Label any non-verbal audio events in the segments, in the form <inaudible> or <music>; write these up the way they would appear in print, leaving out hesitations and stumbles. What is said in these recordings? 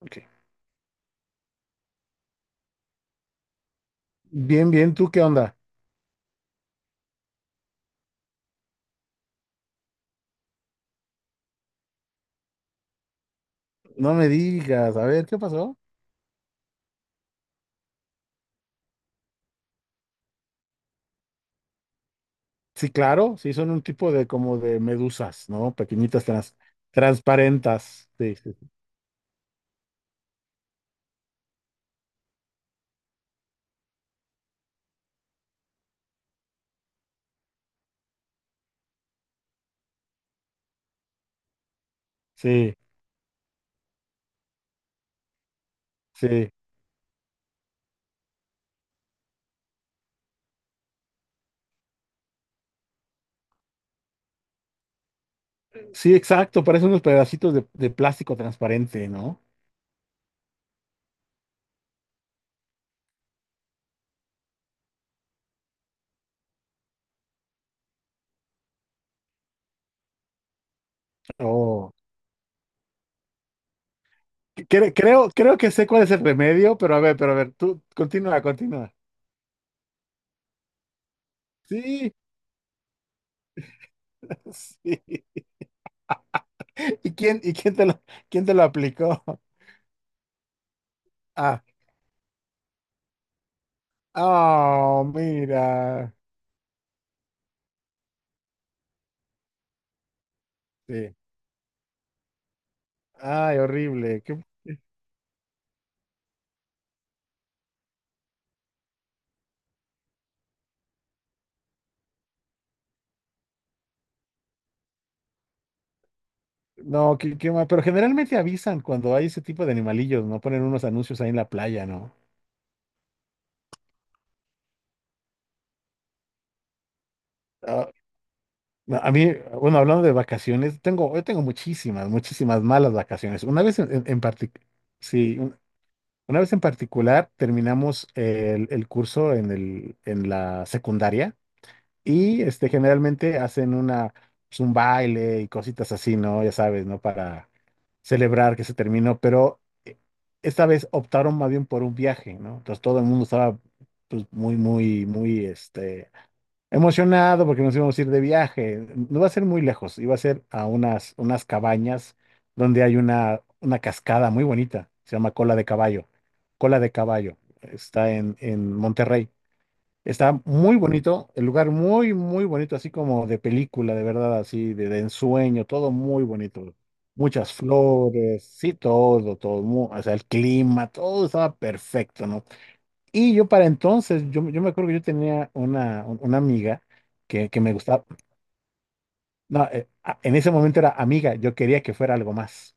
Ok. Bien, bien, ¿tú qué onda? No me digas, a ver, ¿qué pasó? Sí, claro, sí, son un tipo de como de medusas, ¿no? Transparentas. Sí, sí, sí, sí, sí, exacto, parecen unos pedacitos de plástico transparente, ¿no? Oh, creo que sé cuál es el remedio, pero a ver, tú continúa, continúa. Sí, <laughs> sí. ¿Y quién te lo aplicó? <laughs> Ah, oh, mira. Sí. Ay, horrible. No, qué, qué mal. Pero generalmente avisan cuando hay ese tipo de animalillos, ¿no? Ponen unos anuncios ahí en la playa, ¿no? Ah, no, a mí, bueno, hablando de vacaciones, tengo, yo tengo muchísimas, muchísimas malas vacaciones. Una vez en particular, sí, una vez en particular terminamos el curso en el, en la secundaria. Y este, generalmente hacen una, pues, un baile y cositas así, ¿no? Ya sabes, ¿no? Para celebrar que se terminó, pero esta vez optaron más bien por un viaje, ¿no? Entonces todo el mundo estaba pues, muy, muy, muy emocionado porque nos íbamos a ir de viaje. No va a ser muy lejos, iba a ser a unas, unas cabañas donde hay una cascada muy bonita, se llama Cola de Caballo, está en Monterrey. Está muy bonito, el lugar muy, muy bonito, así como de película, de verdad, así de ensueño, todo muy bonito. Muchas flores, sí, todo, todo, o sea, el clima, todo estaba perfecto, ¿no? Y yo para entonces, yo me acuerdo que yo tenía una, una amiga que me gustaba, no, en ese momento era amiga, yo quería que fuera algo más.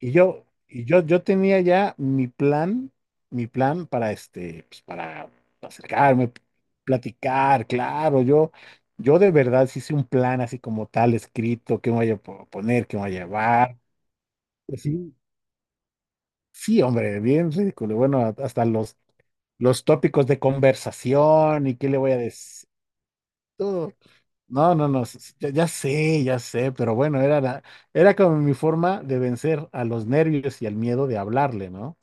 Y yo, yo tenía ya mi plan para pues, para acercarme, platicar, claro, yo de verdad sí hice un plan así como tal, escrito, qué me voy a poner, qué me voy a llevar. Pues sí, sí, hombre, bien ridículo. Bueno, hasta los tópicos de conversación y qué le voy a decir. Todo. No, no, no, ya, ya sé, pero bueno, era la, era como mi forma de vencer a los nervios y al miedo de hablarle, ¿no?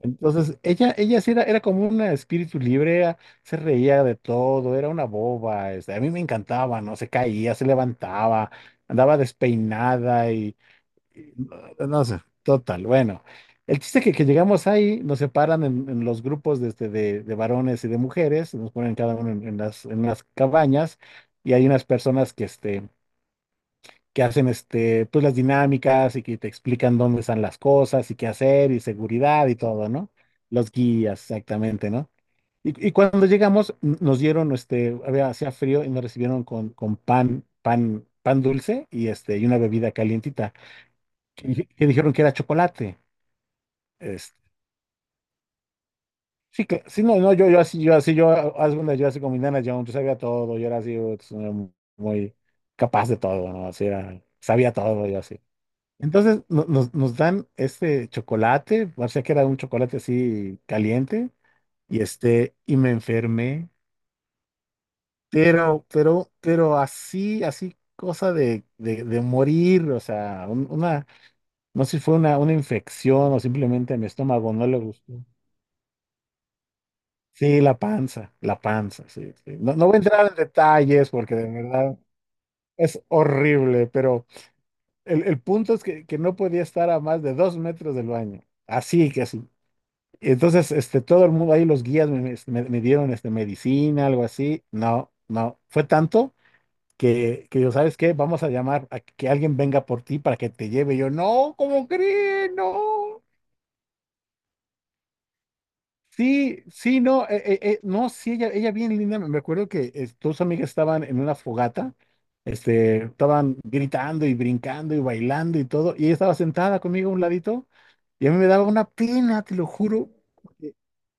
Entonces, ella sí era, era como una espíritu libre, se reía de todo, era una boba, este, a mí me encantaba, ¿no? Se caía, se levantaba, andaba despeinada y no, no sé, total, bueno. El chiste que llegamos ahí, nos separan en los grupos de, este, de varones y de mujeres, nos ponen cada uno en las cabañas y hay unas personas que, este, que hacen este, pues las dinámicas y que te explican dónde están las cosas y qué hacer y seguridad y todo, ¿no? Los guías, exactamente, ¿no? Y cuando llegamos, nos dieron, este, había, hacía frío y nos recibieron con pan, pan, pan dulce y este, y una bebida calientita, que, que dijeron que era chocolate. Este, sí, que, sí, no, no, yo así, yo así, yo, haz una, yo así como Indiana Jones, yo sabía todo, yo era así, uts, muy capaz de todo, ¿no? Así era, sabía todo, yo así. Entonces nos, nos dan este chocolate, parecía que era un chocolate así caliente, y este, y me enfermé, pero así, así cosa de morir, o sea, una, no sé si fue una infección o simplemente mi estómago no le gustó. Sí, la panza, sí, sí. No, no voy a entrar en detalles porque de verdad es horrible, pero el punto es que no podía estar a más de dos metros del baño, así que así. Entonces, este, todo el mundo, ahí los guías me, me dieron este, medicina, algo así. No, no, fue tanto que yo, ¿sabes qué? Vamos a llamar a que alguien venga por ti para que te lleve. Yo, no, ¿cómo crees? No. Sí, sí, no, no, sí, ella bien linda. Me acuerdo que tus amigas estaban en una fogata, este, estaban gritando y brincando y bailando y todo, y ella estaba sentada conmigo a un ladito, y a mí me daba una pena, te lo juro.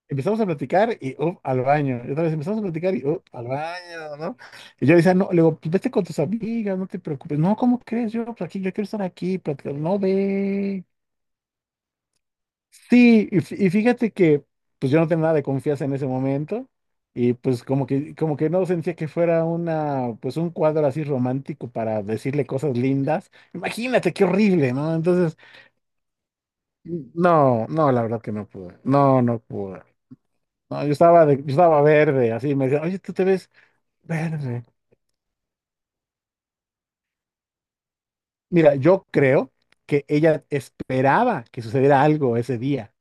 Empezamos a platicar y up al baño. Y otra vez empezamos a platicar y up al baño, ¿no? Y yo le decía, no, le digo, pues vete con tus amigas, no te preocupes. No, ¿cómo crees? Yo, pues aquí, yo quiero estar aquí, platicando. No ve. Sí, y, y fíjate que, pues yo no tenía nada de confianza en ese momento. Y pues como que no sentía que fuera una, pues un cuadro así romántico para decirle cosas lindas. Imagínate qué horrible, ¿no? Entonces, no, no, la verdad que no pude. No, no pude. No, yo estaba, yo estaba verde, así me decía, oye, tú te ves verde. Mira, yo creo que ella esperaba que sucediera algo ese día.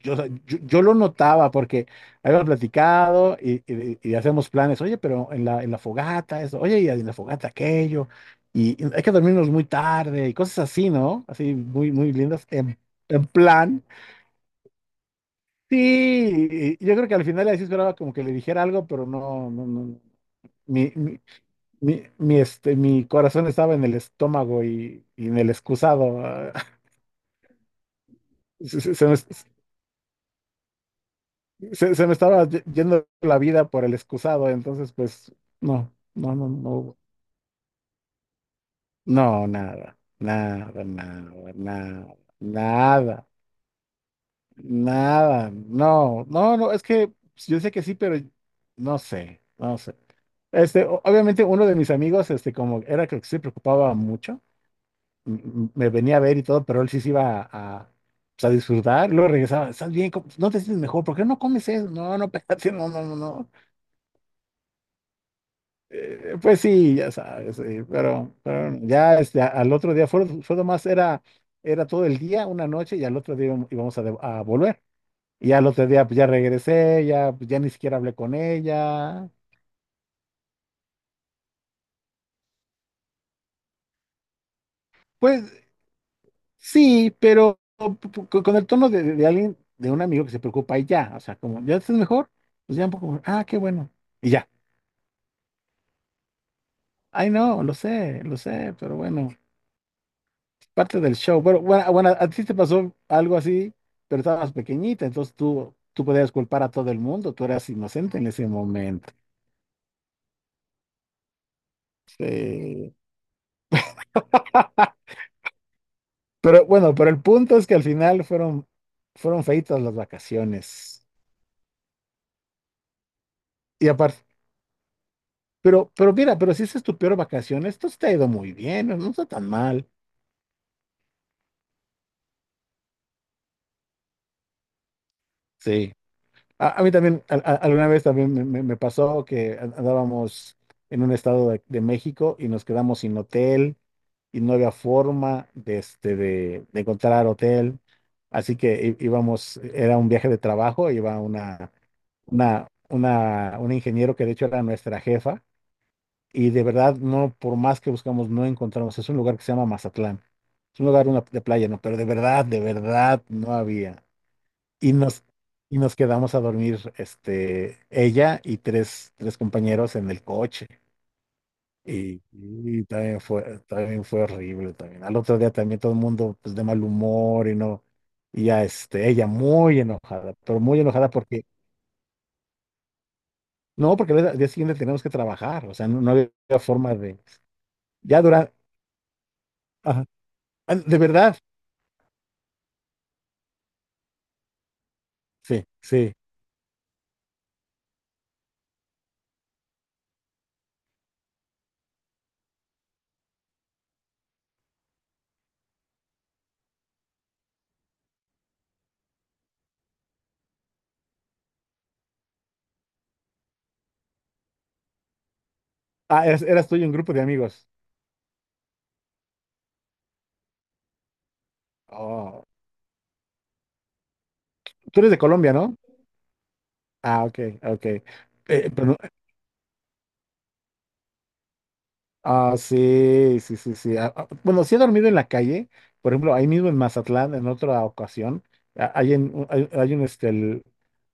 Yo, o sea, yo lo notaba porque habíamos platicado y, y hacemos planes, oye, pero en la fogata, eso, oye, y en la fogata aquello, y hay que dormirnos muy tarde, y cosas así, ¿no? Así muy, muy lindas, en plan. Sí, y yo creo que al final ella sí esperaba como que le dijera algo, pero no, no, no. mi, mi, mi corazón estaba en el estómago y en el excusado. Ah, <laughs> Se, se- se me, se me estaba yendo la vida por el excusado, entonces pues no, no, no, no, no, nada, nada, nada, nada, nada, nada, no, no, no, es que yo sé que sí, pero no sé, no sé. Este, obviamente uno de mis amigos, este, como era que se preocupaba mucho. Me venía a ver y todo, pero él sí se iba a, pues, a disfrutar. Luego regresaba, ¿estás bien? ¿No te sientes mejor? ¿Por qué no comes eso? No, no, <laughs> espérate, no, no, no, no. Pues sí, ya sabes, pero ya este, al otro día fue, fue nomás, era, era todo el día, una noche, y al otro día íbamos a, a volver. Y al otro día pues ya regresé, ya, pues, ya ni siquiera hablé con ella. Pues sí, pero con el tono de, de alguien, de un amigo que se preocupa y ya, o sea, como, ¿ya estás mejor? Pues ya un poco, ah, qué bueno, y ya. Ay, no, lo sé, pero bueno, es parte del show. Pero bueno, ah, bueno, a ti te pasó algo así, pero estabas pequeñita, entonces tú podías culpar a todo el mundo, tú eras inocente en ese momento. Sí. <laughs> Pero bueno, pero el punto es que al final fueron, fueron feitas las vacaciones. Y aparte, pero mira, pero si esa es tu peor vacación, esto sí te ha ido muy bien, no no está tan mal. Sí. A mí también, alguna vez también me, me pasó que andábamos en un estado de México y nos quedamos sin hotel y no había forma de, este, de encontrar hotel. Así que íbamos, era un viaje de trabajo, iba una, un ingeniero que de hecho era nuestra jefa. Y de verdad, no, por más que buscamos, no encontramos. Es un lugar que se llama Mazatlán. Es un lugar de playa, ¿no? Pero de verdad, no había. Y nos, y nos quedamos a dormir, este, ella y tres, tres compañeros en el coche. Y también fue horrible también. Al otro día también todo el mundo, pues, de mal humor y no. Y ya, este, ella muy enojada, pero muy enojada porque, no, porque al día siguiente tenemos que trabajar. O sea, no, no había forma de, ya durante, de verdad. Sí, sí. Ah, eras, eras tú y un grupo de amigos. Oh, tú eres de Colombia, ¿no? Ah, ok, ok. Pero, ah, sí, sí, sí, sí. Ah, ah, bueno, sí he dormido en la calle, por ejemplo, ahí mismo en Mazatlán, en otra ocasión, ah, hay, hay, hay un, este,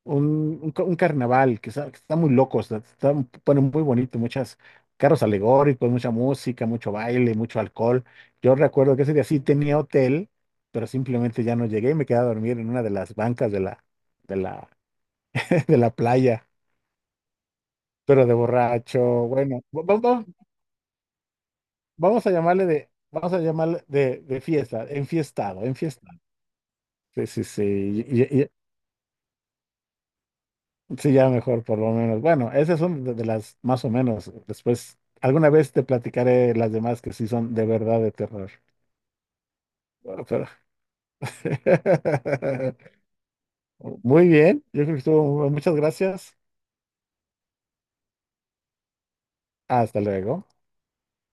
un un carnaval que está muy loco, está, está, bueno, muy bonito, muchas carros alegóricos, mucha música, mucho baile, mucho alcohol. Yo recuerdo que ese día sí tenía hotel, pero simplemente ya no llegué y me quedé a dormir en una de las bancas de la, <laughs> de la playa, pero de borracho, bueno, vamos vamos a llamarle de, vamos a llamarle de fiesta, enfiestado, enfiestado. Sí, sí, sí, y- y- sí, ya mejor por lo menos. Bueno, esas son de las más o menos. Después, alguna vez te platicaré las demás que sí son de verdad de terror. Bueno, pero- <laughs> Muy bien, yo creo que estuvo, muchas gracias. Hasta luego.